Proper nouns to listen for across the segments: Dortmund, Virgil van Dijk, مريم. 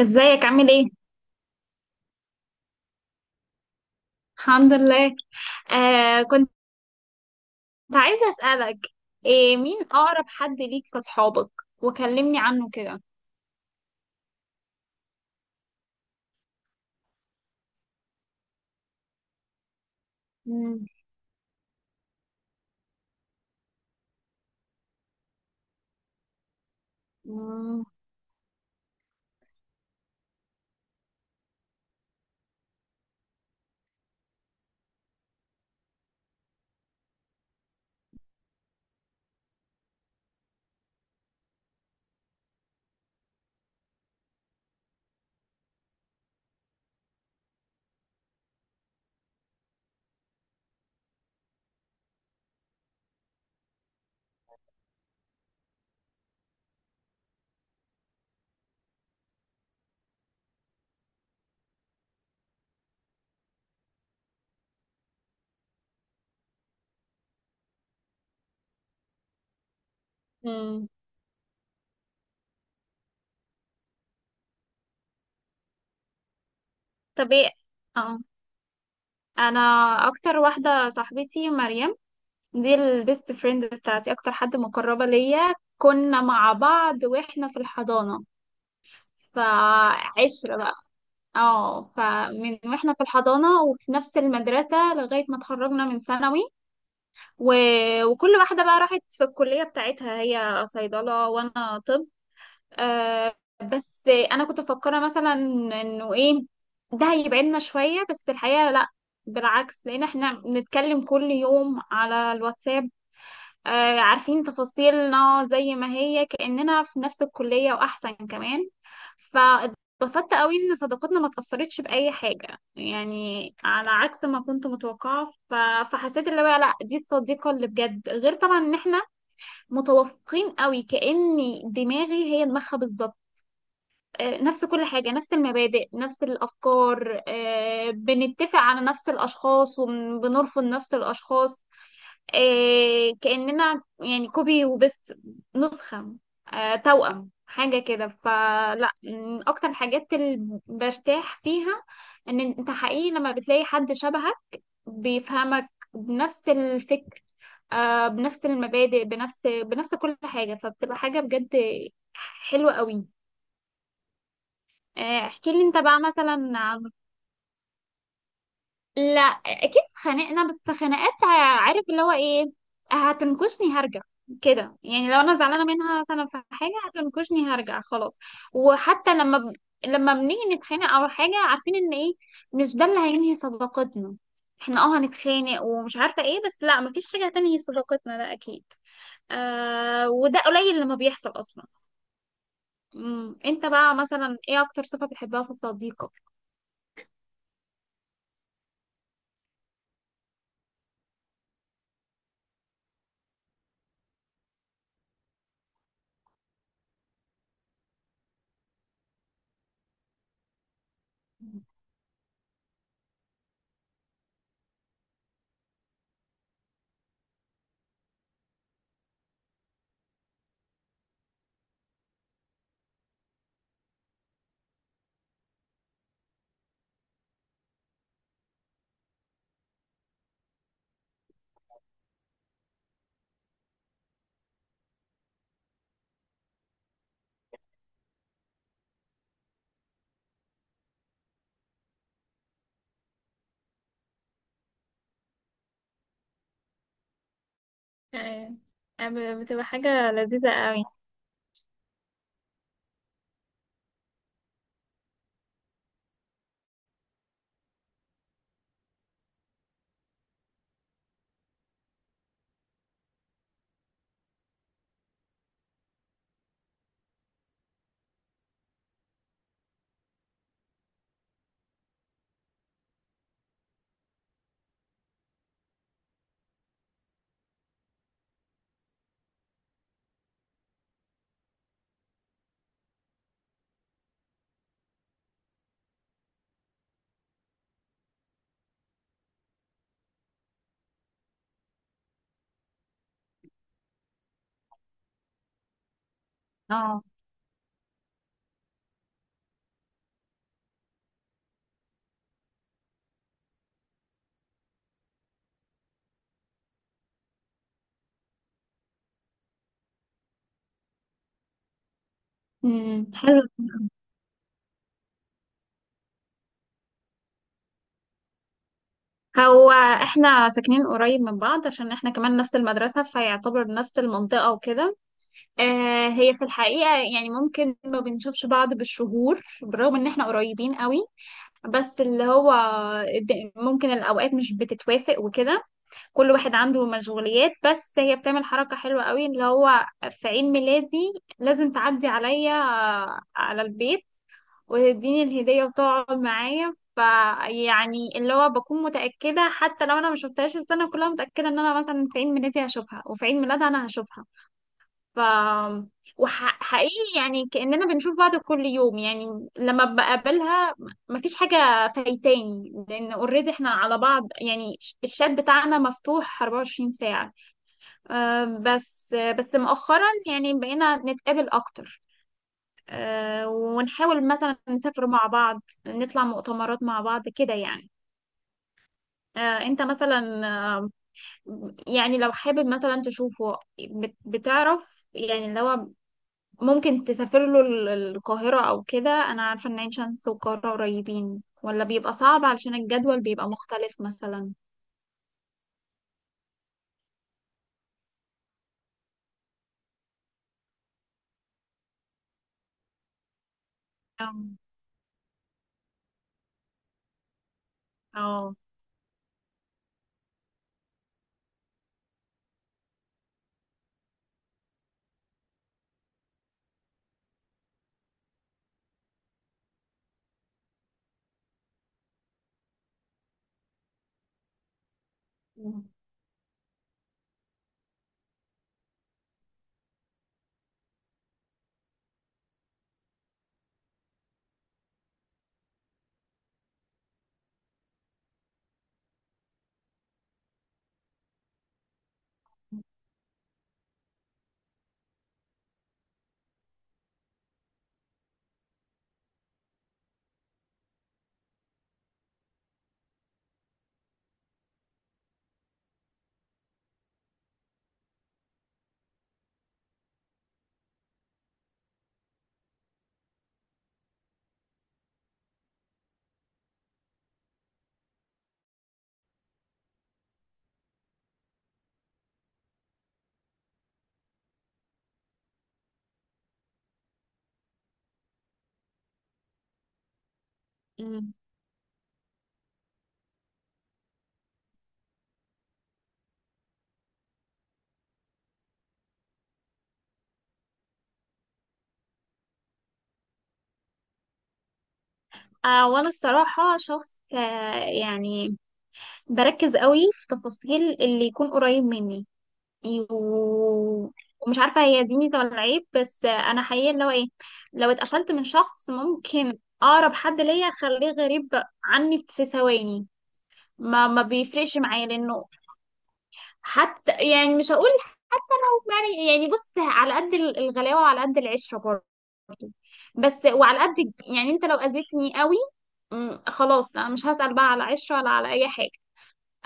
ازيك عامل ايه؟ الحمد لله. كنت عايزة اسألك، إيه مين أقرب حد ليك في أصحابك؟ وكلمني عنه كده. مم. مم. مم. طب ايه؟ اه، أنا أكتر واحدة صاحبتي مريم، دي البيست فريند بتاعتي، أكتر حد مقربة ليا. كنا مع بعض واحنا في الحضانة، فعشرة بقى. اه، فمن واحنا في الحضانة وفي نفس المدرسة لغاية ما اتخرجنا من ثانوي. و... وكل واحدة بقى راحت في الكلية بتاعتها، هي صيدلة وأنا طب. آه بس أنا كنت مفكرة مثلا إنه إيه، ده هيبعدنا شوية، بس الحقيقة لأ، بالعكس، لأن إحنا بنتكلم كل يوم على الواتساب. عارفين تفاصيلنا زي ما هي، كأننا في نفس الكلية وأحسن كمان. فاتبسطت قوي إن صداقتنا ما اتأثرتش بأي حاجة، يعني على عكس ما كنت متوقعة. فحسيت اللي هو لأ، دي الصديقة اللي بجد، غير طبعا إن إحنا متوافقين قوي، كأني دماغي هي دماغها بالظبط. نفس كل حاجة، نفس المبادئ، نفس الأفكار، بنتفق على نفس الأشخاص وبنرفض نفس الأشخاص. إيه كأننا يعني كوبي وبيست، نسخة، توأم حاجة كده. فلا، من أكتر الحاجات اللي برتاح فيها إن أنت حقيقي لما بتلاقي حد شبهك، بيفهمك بنفس الفكر، بنفس المبادئ، بنفس كل حاجة، فبتبقى حاجة بجد حلوة قوي. احكي لي أنت بقى مثلا عن، لا اكيد اتخانقنا، بس خناقات، عارف اللي هو ايه، هتنكشني هرجع كده. يعني لو انا زعلانه منها مثلا في حاجه هتنكشني هرجع خلاص. وحتى لما ب... لما بنيجي نتخانق او حاجه، عارفين ان ايه مش ده اللي هينهي صداقتنا. احنا اه هنتخانق ومش عارفه ايه، بس لا، مفيش حاجه هتنهي صداقتنا ده اكيد. وده قليل لما بيحصل اصلا. مم. انت بقى مثلا ايه اكتر صفه بتحبها في صديقك؟ آه، بتبقى حاجة لذيذة قوي. اه. مم. حلو. هو احنا ساكنين قريب من بعض، عشان احنا كمان نفس المدرسة، فيعتبر نفس المنطقة وكده. هي في الحقيقة، يعني ممكن ما بنشوفش بعض بالشهور، بالرغم ان احنا قريبين قوي. بس اللي هو ممكن الأوقات مش بتتوافق وكده، كل واحد عنده مشغوليات. بس هي بتعمل حركة حلوة قوي، اللي هو في عيد ميلادي لازم تعدي عليا على البيت وتديني الهدية وتقعد معايا. فيعني اللي هو بكون متأكدة حتى لو أنا مشوفتهاش السنة كلها، متأكدة إن أنا مثلا في عيد ميلادي هشوفها وفي عيد ميلادها أنا هشوفها. ف وحقيقي يعني كأننا بنشوف بعض كل يوم، يعني لما بقابلها مفيش حاجة فايتاني، لأن اوريدي احنا على بعض، يعني الشات بتاعنا مفتوح 24 ساعة. بس مؤخرا يعني بقينا نتقابل أكتر، ونحاول مثلا نسافر مع بعض، نطلع مؤتمرات مع بعض كده يعني. انت مثلا آه، يعني لو حابب مثلا تشوفه، بتعرف يعني لو ممكن تسافر له القاهرة أو كده، أنا عارفة إن عين شمس والقاهرة قريبين، ولا بيبقى صعب علشان الجدول بيبقى مختلف مثلا. اه. اه. مم. مم. وأنا الصراحة شخص، آه يعني بركز قوي في تفاصيل اللي يكون قريب مني، و ومش عارفة هي دي ميزة ولا عيب، بس أنا حقيقة لو إيه، لو اتقفلت من شخص ممكن أقرب حد ليا أخليه غريب عني في ثواني. ما بيفرقش معايا لأنه، حتى يعني مش هقول حب، يعني يعني بص على قد الغلاوة وعلى قد العشرة برضه. بس وعلى قد يعني انت لو اذيتني قوي، خلاص انا مش هسأل بقى على عشرة ولا على اي حاجة.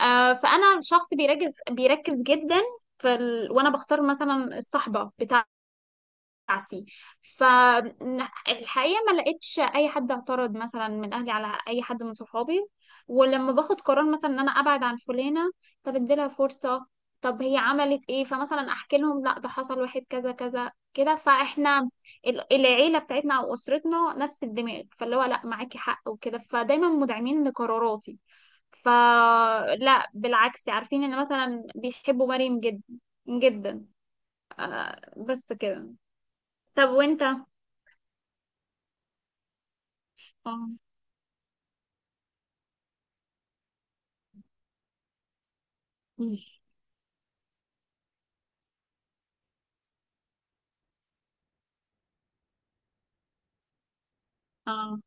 فانا شخص بيركز بيركز جدا وانا بختار مثلا الصحبة بتاعتي. فالحقيقة ما لقيتش أي حد اعترض مثلا من أهلي على أي حد من صحابي. ولما باخد قرار مثلا إن أنا أبعد عن فلانة، طب اديلها فرصة، طب هي عملت إيه، فمثلا أحكي لهم لا ده حصل واحد كذا كذا كده. فإحنا العيلة بتاعتنا أو أسرتنا نفس الدماغ، فاللي هو لا معاكي حق وكده، فدايما مدعمين لقراراتي. فلا، بالعكس، عارفين إن مثلا بيحبوا مريم جدا جدا، بس كده. طب وإنت؟ اه. اه.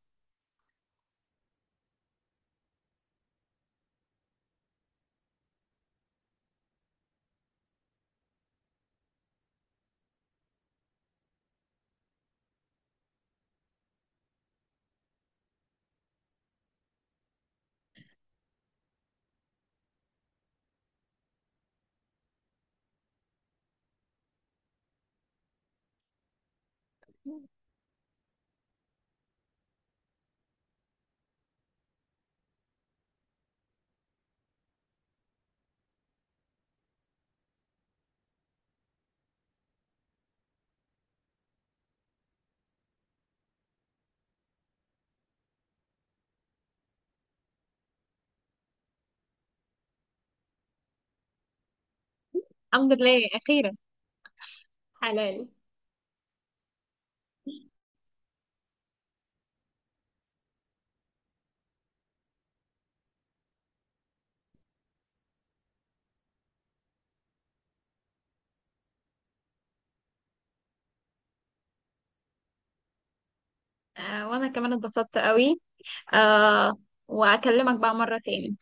الحمد لله اخيرا. حلال. وانا كمان اتبسطت قوي، آه واكلمك بقى مرة تاني.